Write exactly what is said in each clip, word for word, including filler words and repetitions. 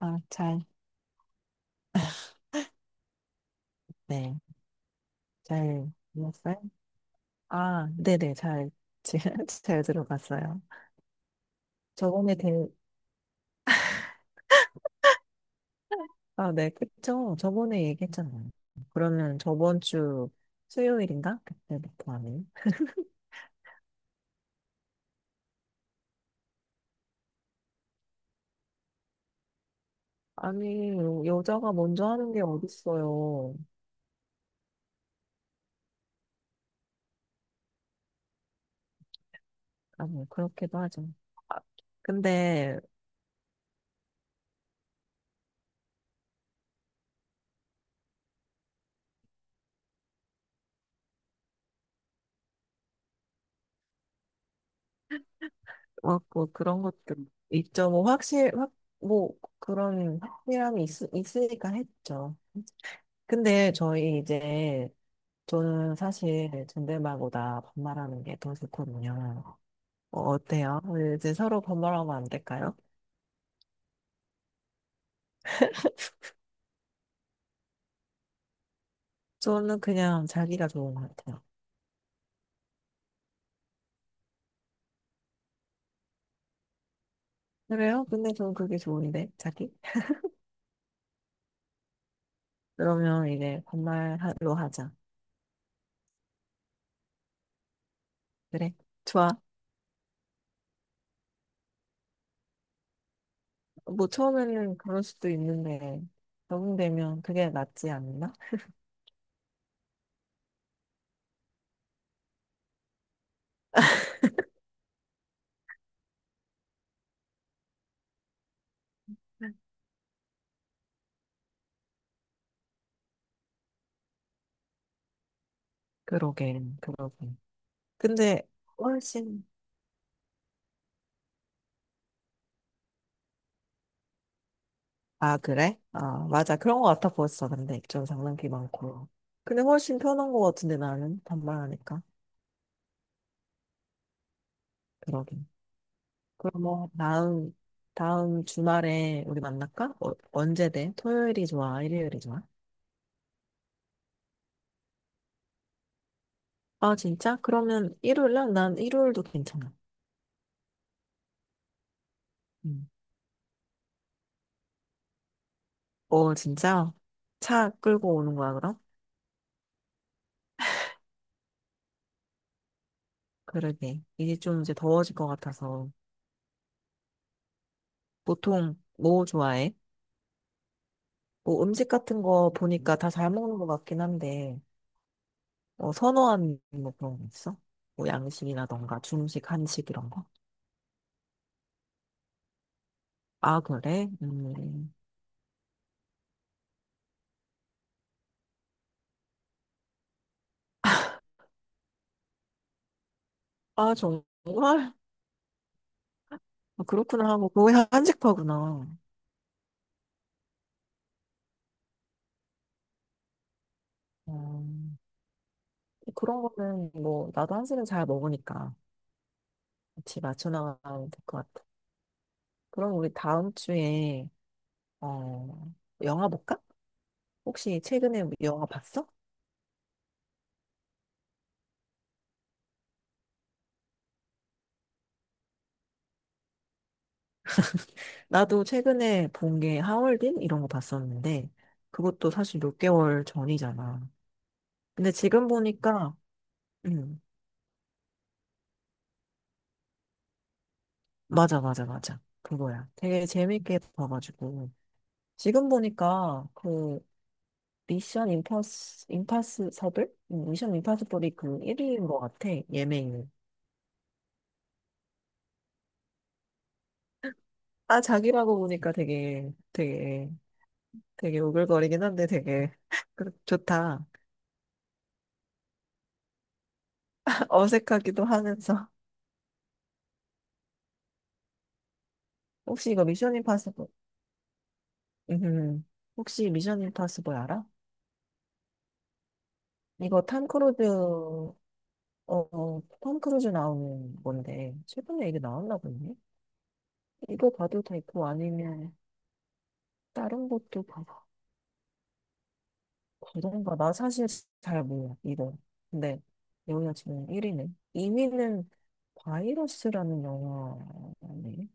아, 잘, 네, 잘 들었어요? 아, 네네, 잘, 지- 잘 들어봤어요. 저번에 대, 아, 네, 그쵸. 저번에 얘기했잖아요. 그러면 저번 주 수요일인가? 그때부터 하는. 아니, 여자가 먼저 하는 게 어딨어요. 아니, 그렇게도 하죠. 아, 근데, 뭐, 뭐 그런 것도 있죠. 뭐, 확실, 확, 뭐, 그런 확실함이 있, 있으니까 했죠. 근데 저희 이제 저는 사실 존댓말보다 반말하는 게 더 좋거든요. 어, 어때요? 이제 서로 반말하면 안 될까요? 저는 그냥 자기가 좋은 것 같아요. 그래요? 근데 저는 그게 좋은데, 자기? 그러면 이제 반말로 하자. 그래? 좋아. 뭐 처음에는 그럴 수도 있는데, 적응되면 그게 낫지 않나? 그러게, 그러게. 근데 훨씬 아, 그래? 아, 맞아. 그런 거 같아 보였어. 근데 좀 장난기 많고. 근데 훨씬 편한 거 같은데 나는 반말하니까. 그러긴. 그럼 뭐 다음 다음 주말에 우리 만날까? 어, 언제 돼? 토요일이 좋아? 일요일이 좋아? 아, 진짜? 그러면 일요일 날? 난 일요일도 괜찮아. 음. 어, 진짜? 차 끌고 오는 거야, 그럼? 그러게. 이제 좀 이제 더워질 것 같아서. 보통 뭐 좋아해? 뭐 음식 같은 거 보니까 다 잘 먹는 것 같긴 한데. 뭐 선호하는 뭐 그런 거 있어? 뭐 양식이라던가 중식, 한식 이런 거? 아, 그래? 음. 아, 정말? 아, 그렇구나. 뭐 거의 한식파구나. 음. 그런 거는 뭐 나도 한식은 잘 먹으니까 같이 맞춰 나가면 될 것 같아. 그럼 우리 다음 주에 어 영화 볼까? 혹시 최근에 영화 봤어? 나도 최근에 본 게 하얼빈 이런 거 봤었는데 그것도 사실 몇 개월 전이잖아. 근데 지금 보니까 음, 맞아, 맞아, 맞아. 그거야. 되게 재밌게 봐가지고. 지금 보니까 그 미션 임파스, 임파서블? 응, 미션 임파서블이 그 일 위인 것 같아. 예매율. 아, 자기라고 보니까 되게, 되게, 되게 오글거리긴 한데 되게 그- 좋다. 어색하기도 하면서. 혹시 이거 미션 임파서블, 음, 혹시 미션 임파서블 알아? 이거 탐 크루즈, 어, 어, 톰 크루즈 나오는 건데, 최근에 이게 나왔나 보네. 이거 봐도 되고 아니면 다른 것도 봐봐. 그런가? 나 사실 잘 몰라, 이거. 근데 여기가 지금 일 위네. 이 위는 바이러스라는 영화네.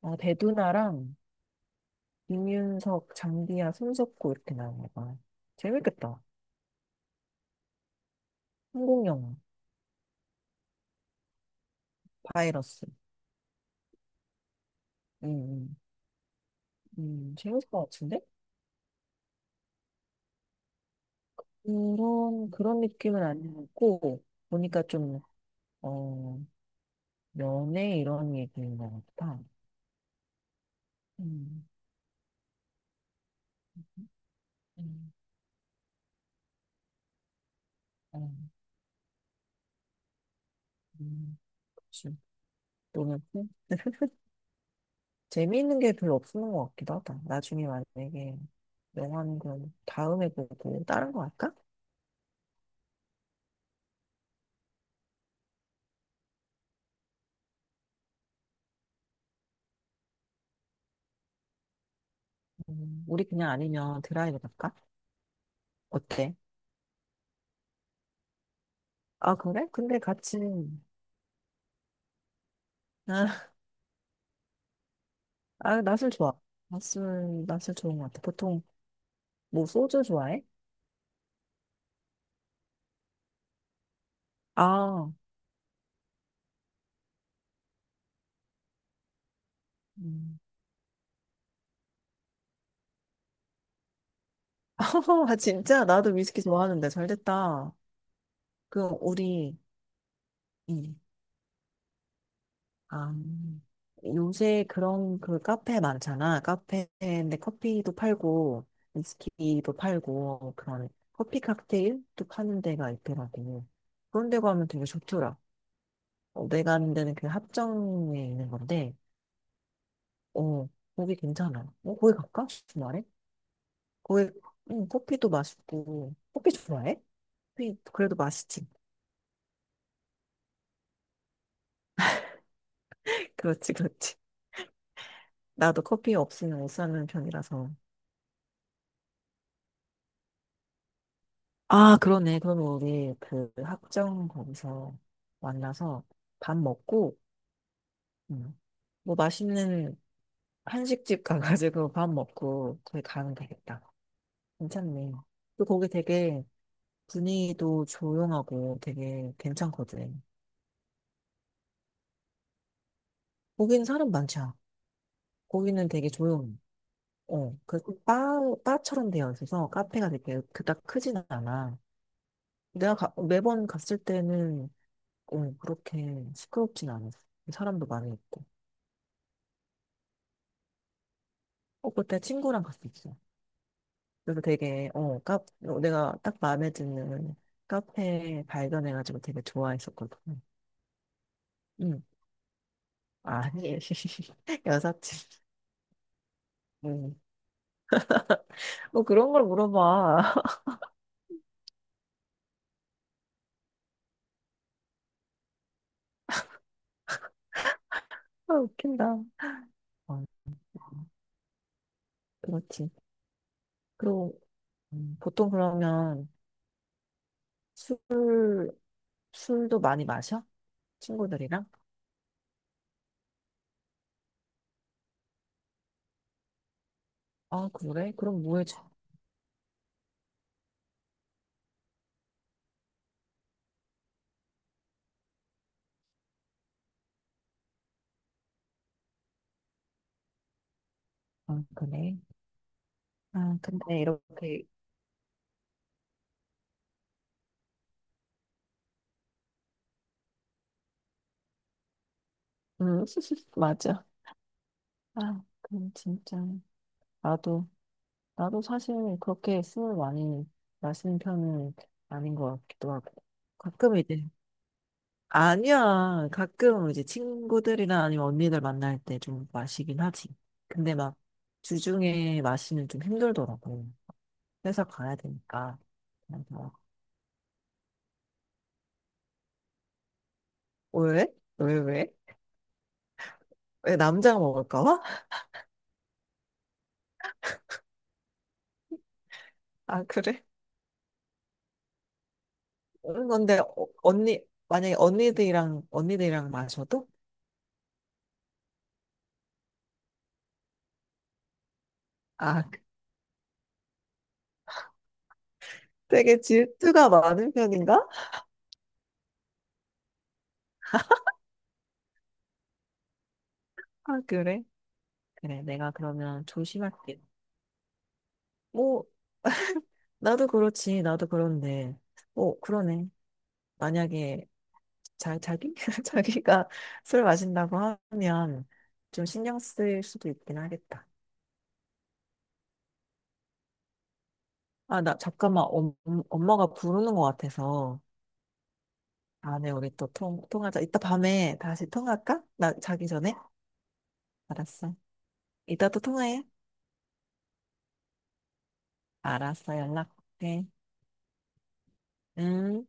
아, 배두나랑 이윤석, 장비야, 손석구 이렇게 나온 거 재밌겠다. 한국 영화, 바이러스. 음, 음, 음, 재밌을 것 같은데? 그런, 그런 느낌은 아니었고, 보니까 좀, 어, 연애 이런 얘기인 것 같아. 음. 음, 음, 음, 그치. 너무 큰- 재미있는 게 별로 없는 것 같기도 하다. 나중에 만약에 영화는 그럼 다음에 보고 다른 거 할까? 음, 우리 그냥 아니면 드라이브 갈까? 어때? 아, 그래? 근데 같이, 아, 아, 낮 좋아. 낯을, 낯을 좋은 것 같아. 보통 뭐 소주 좋아해? 아, 음. 아, 진짜? 나도 위스키 좋아하는데 잘 됐다. 그럼 우리, 음. 아, 요새 그런 그 카페 많잖아. 카페인데 커피도 팔고, 위스키도 팔고, 그런 커피 칵테일도 파는 데가 있더라고. 그런 데 가면 되게 좋더라. 어, 내가 아는 데는 그 합정에 있는 건데, 어, 거기 괜찮아. 어, 거기 갈까? 주말에? 거기, 응, 커피도 맛있고. 커피 좋아해? 커피, 그래도 맛있지. 그렇지, 그렇지. 나도 커피 없으면 못 사는 편이라서. 아, 그러네. 그러면 우리 그 학점 거기서 만나서 밥 먹고, 음, 뭐 맛있는 한식집 가가지고 밥 먹고 거기 가면 되겠다. 괜찮네. 또 거기 되게 분위기도 조용하고 되게 괜찮거든. 거기는 사람 많지 않아. 거기는 되게 조용해. 어, 그 바, 바처럼 되어 있어서 카페가 되게 그닥 크진 않아. 내가 가- 매번 갔을 때는 어, 그렇게 시끄럽진 않았어. 사람도 많이 있고. 어, 그때 친구랑 갔었어. 그래서 되게, 어, 카, 어, 내가 딱 마음에 드는 카페 발견해가지고 되게 좋아했었거든. 응. 아니, 여사친. 응. 뭐 그런 걸 물어봐. 아, 웃긴다. 어, 그렇지. 그리고, 음, 보통 그러면 술, 술도 많이 마셔? 친구들이랑? 아, 그래? 그럼 뭐 해줘? 아, 그래. 아, 근데 이렇게, 음, 맞아. 아, 그럼 진짜. 나도 나도 사실 그렇게 술을 많이 마시는 편은 아닌 것 같기도 하고. 가끔 이제, 아니야. 가끔 이제 친구들이나 아니면 언니들 만날 때 좀 마시긴 하지. 근데 막 주중에 마시면 좀 힘들더라고. 회사 가야 되니까. 그래서 어, 왜? 왜, 왜? 왜 남자가 먹을까 봐? 아, 그래? 그런 건데, 어, 언니, 만약에 언니들이랑, 언니들이랑 마셔도? 아, 되게 질투가 많은 편인가? 아, 그래? 그래, 내가 그러면 조심할게. 뭐, 나도 그렇지, 나도 그런데. 어, 그러네. 만약에 자, 자기? 자기가 술 마신다고 하면 좀 신경 쓸 수도 있긴 하겠다. 아, 나 잠깐만, 엄, 엄마가 부르는 것 같아서. 다음에 우리 또 통, 통하자. 이따 밤에 다시 통화할까? 나 자기 전에? 알았어. 이따 또 통화해. 알았어, 연락해. 응.